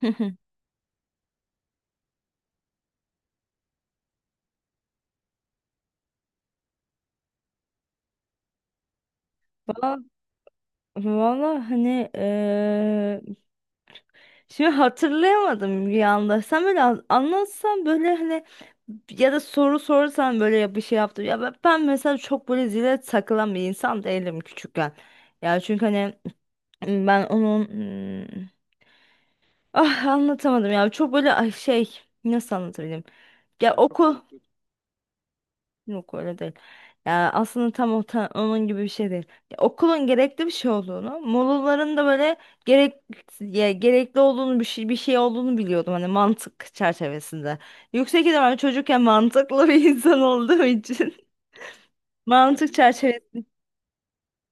Hı hı. Va- Valla hani şimdi hatırlayamadım bir anda. Sen böyle anlatsan böyle hani ya da soru sorsan böyle ya bir şey yaptım. Ya ben mesela çok böyle zile takılan bir insan değilim küçükken. Ya çünkü hani ben onun hmm, ah anlatamadım ya, çok böyle ay şey nasıl anlatabilirim? Ya okul Yok, öyle değil. Ya aslında tam o onun gibi bir şey değil. Ya okulun gerekli bir şey olduğunu, molaların da böyle gerek ya gerekli olduğunu, bir şey bir şey olduğunu biliyordum hani, mantık çerçevesinde. Yüksek ihtimalle çocukken mantıklı bir insan olduğum için mantık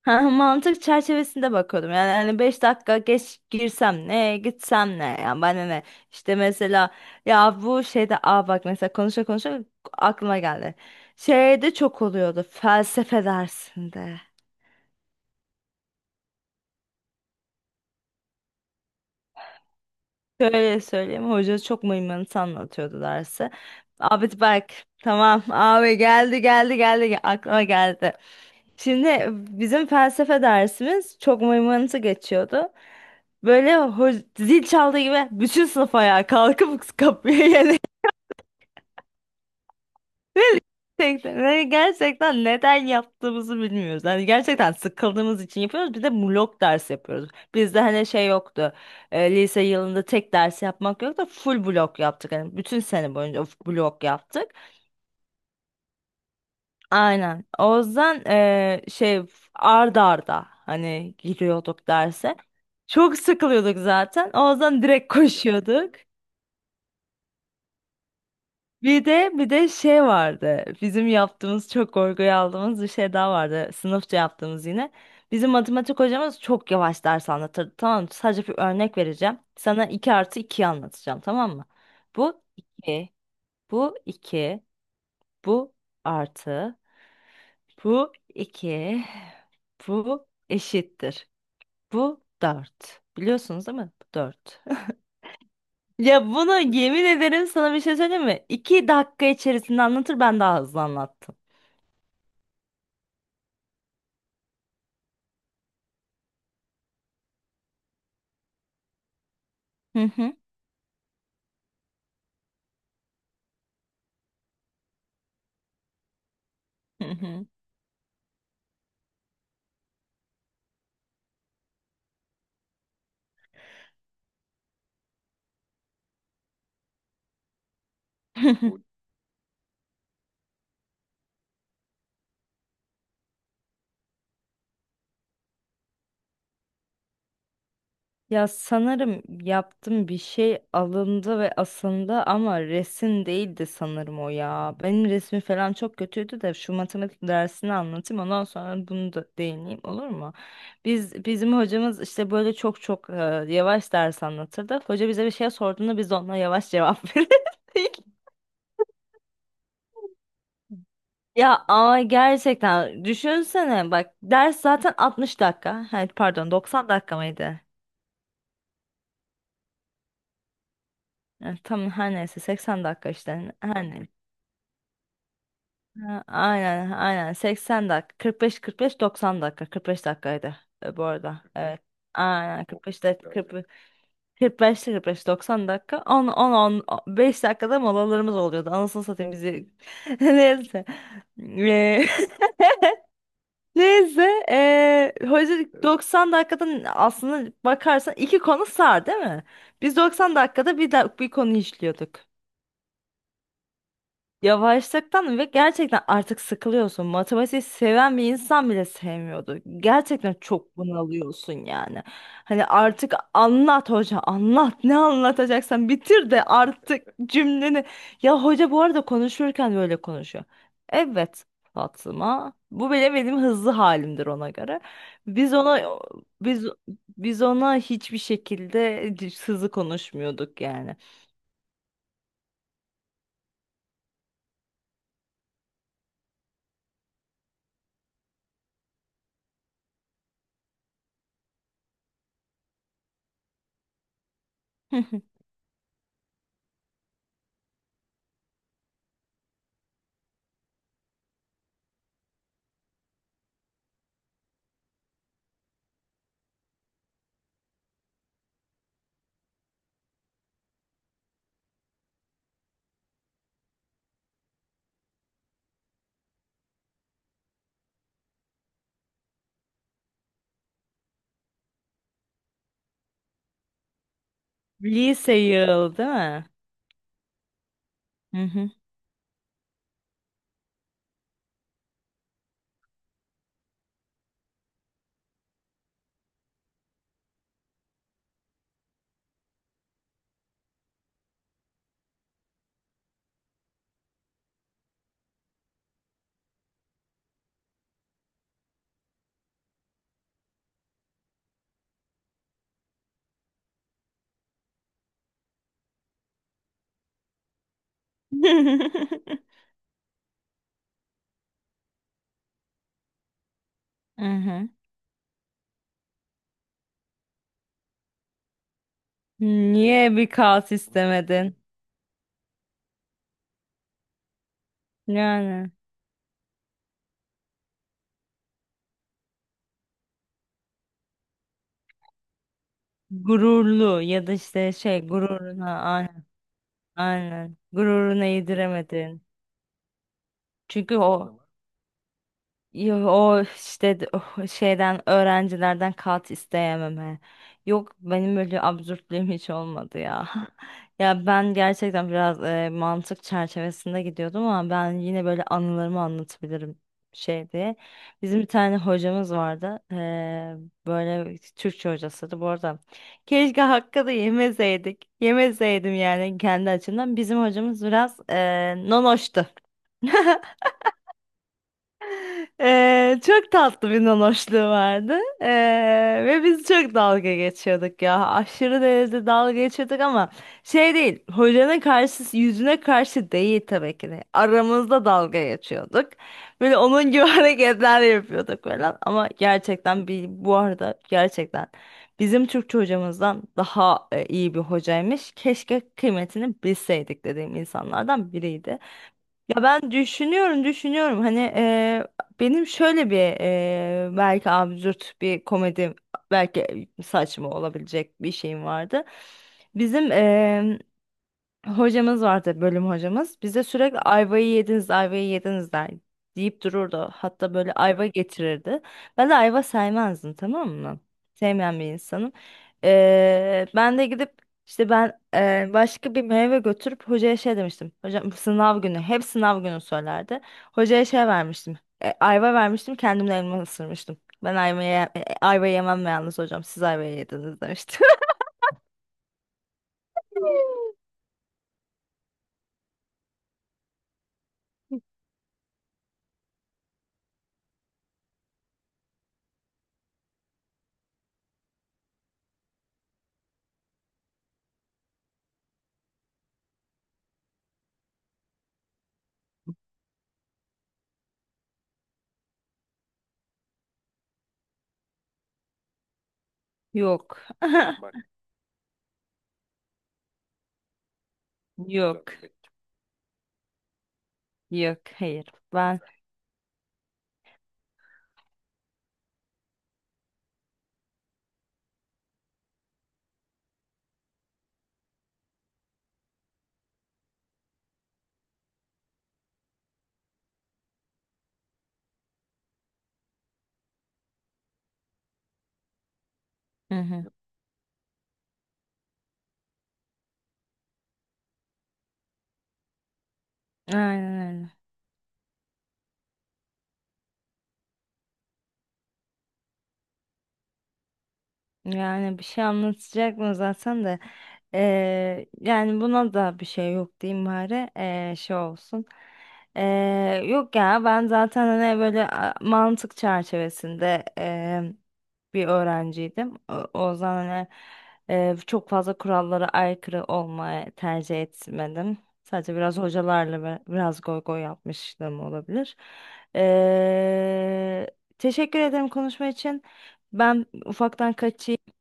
Ha, mantık çerçevesinde bakıyordum. Yani hani 5 dakika geç girsem ne, gitsem ne? Yani bana ne? İşte mesela ya bu şeyde, aa bak mesela, konuşa konuşa aklıma geldi. Şeyde çok oluyordu felsefe dersinde. Şöyle söyleyeyim, hoca çok mıymıntı anlatıyordu dersi. Abi bak, tamam abi, geldi geldi geldi aklıma geldi. Şimdi bizim felsefe dersimiz çok mıymıntı geçiyordu. Böyle zil çaldığı gibi bütün sınıf ayağa kalkıp kapıya yönelir. Gerçekten, ve gerçekten neden yaptığımızı bilmiyoruz. Yani gerçekten sıkıldığımız için yapıyoruz. Bir de blok ders yapıyoruz. Bizde hani şey yoktu. Lise yılında tek ders yapmak yoktu. Full blok yaptık. Yani bütün sene boyunca blok yaptık. Aynen. O yüzden şey, ard arda hani giriyorduk derse. Çok sıkılıyorduk zaten. O yüzden direkt koşuyorduk. Bir de şey vardı. Bizim yaptığımız, çok korkuya aldığımız bir şey daha vardı. Sınıfça yaptığımız yine. Bizim matematik hocamız çok yavaş ders anlatırdı. Tamam mı? Sadece bir örnek vereceğim. Sana iki artı 2'yi anlatacağım, tamam mı? Bu 2, bu 2, bu artı, bu 2, bu eşittir. Bu 4. Biliyorsunuz değil mi? Bu 4. Ya bunu, yemin ederim sana bir şey söyleyeyim mi? 2 dakika içerisinde anlatır, ben daha hızlı anlattım. Hı hı. Hı hı. Hı hı. Ya sanırım yaptım, bir şey alındı ve asıldı, ama resim değildi sanırım o ya. Benim resmi falan çok kötüydü de, şu matematik dersini anlatayım, ondan sonra bunu da değineyim, olur mu? Bizim hocamız işte böyle çok çok yavaş ders anlatırdı. Hoca bize bir şey sorduğunda, biz de ona yavaş cevap verirdik. Ya ama gerçekten düşünsene bak, ders zaten 60 dakika. Hayır, pardon, 90 dakika mıydı? Evet, tam her neyse 80 dakika işte. Her neyse. Ha, aynen aynen, 80 dakika, 45 45 90 dakika, 45 dakikaydı bu arada. Evet. Aynen 45 dakika, 40 45 45 90 dakika, 10 10 10 5 dakikada molalarımız oluyordu. Anasını satayım bizi. Neyse. Eee, Neyse. Hoca 90 dakikadan aslında bakarsan iki konu sar değil mi? Biz 90 dakikada bir konu işliyorduk. Yavaşlıktan, ve gerçekten artık sıkılıyorsun. Matematiği seven bir insan bile sevmiyordu. Gerçekten çok bunalıyorsun yani. Hani artık anlat hoca, anlat ne anlatacaksan, bitir de artık cümleni. Ya hoca bu arada konuşurken böyle konuşuyor. Evet Fatma, bu bile benim hızlı halimdir ona göre. Biz ona biz biz ona hiçbir şekilde hızlı konuşmuyorduk yani. Lise yıl değil mi? Hı hı. Aha. Niye bir kaos istemedin? Yani gururlu, ya da işte şey gururuna, aynen aynen gururuna yediremedin. Çünkü o O işte o şeyden, öğrencilerden kat isteyememe. Yok, benim öyle absürtlüğüm hiç olmadı ya. Ya ben gerçekten biraz mantık çerçevesinde gidiyordum, ama ben yine böyle anılarımı anlatabilirim şey diye. Bizim bir tane hocamız vardı. Böyle Türkçe hocasıydı bu arada. Keşke hakkı da yemeseydik. Yemeseydim yani, kendi açımdan. Bizim hocamız biraz nonoştu. Çok tatlı bir nanoşluğu vardı. Ve biz çok dalga geçiyorduk ya. Aşırı derecede dalga geçiyorduk, ama şey değil. Hocanın karşısı yüzüne karşı değil tabii ki de. Aramızda dalga geçiyorduk. Böyle onun gibi hareketler yapıyorduk falan. Ama gerçekten bir, bu arada gerçekten bizim Türkçe hocamızdan daha iyi bir hocaymış. Keşke kıymetini bilseydik dediğim insanlardan biriydi. Ya ben düşünüyorum, düşünüyorum. Hani benim şöyle bir belki absürt bir komedi, belki saçma olabilecek bir şeyim vardı. Bizim Hocamız vardı, bölüm hocamız. Bize sürekli ayvayı yediniz, ayvayı yediniz der deyip dururdu. Hatta böyle ayva getirirdi. Ben de ayva sevmezdim, tamam mı? Sevmeyen bir insanım. Ben de gidip işte, ben başka bir meyve götürüp hocaya şey demiştim. Hocam sınav günü, hep sınav günü söylerdi. Hocaya şey vermiştim. Ayva vermiştim, kendimle elma ısırmıştım. Ben ayva yemem yalnız hocam. Siz ayva yediniz demiştim. Yok. Yok. Yok, hayır ben. Hı hı. Aynen öyle. Yani bir şey anlatacak mı zaten de yani buna da bir şey yok diyeyim bari. Şey olsun. Yok ya, ben zaten hani böyle mantık çerçevesinde bir öğrenciydim. O yüzden hani çok fazla kurallara aykırı olmayı tercih etmedim. Sadece biraz hocalarla ve biraz goy goy yapmışlığım olabilir. Eee, Teşekkür ederim konuşma için. Ben ufaktan kaçayım.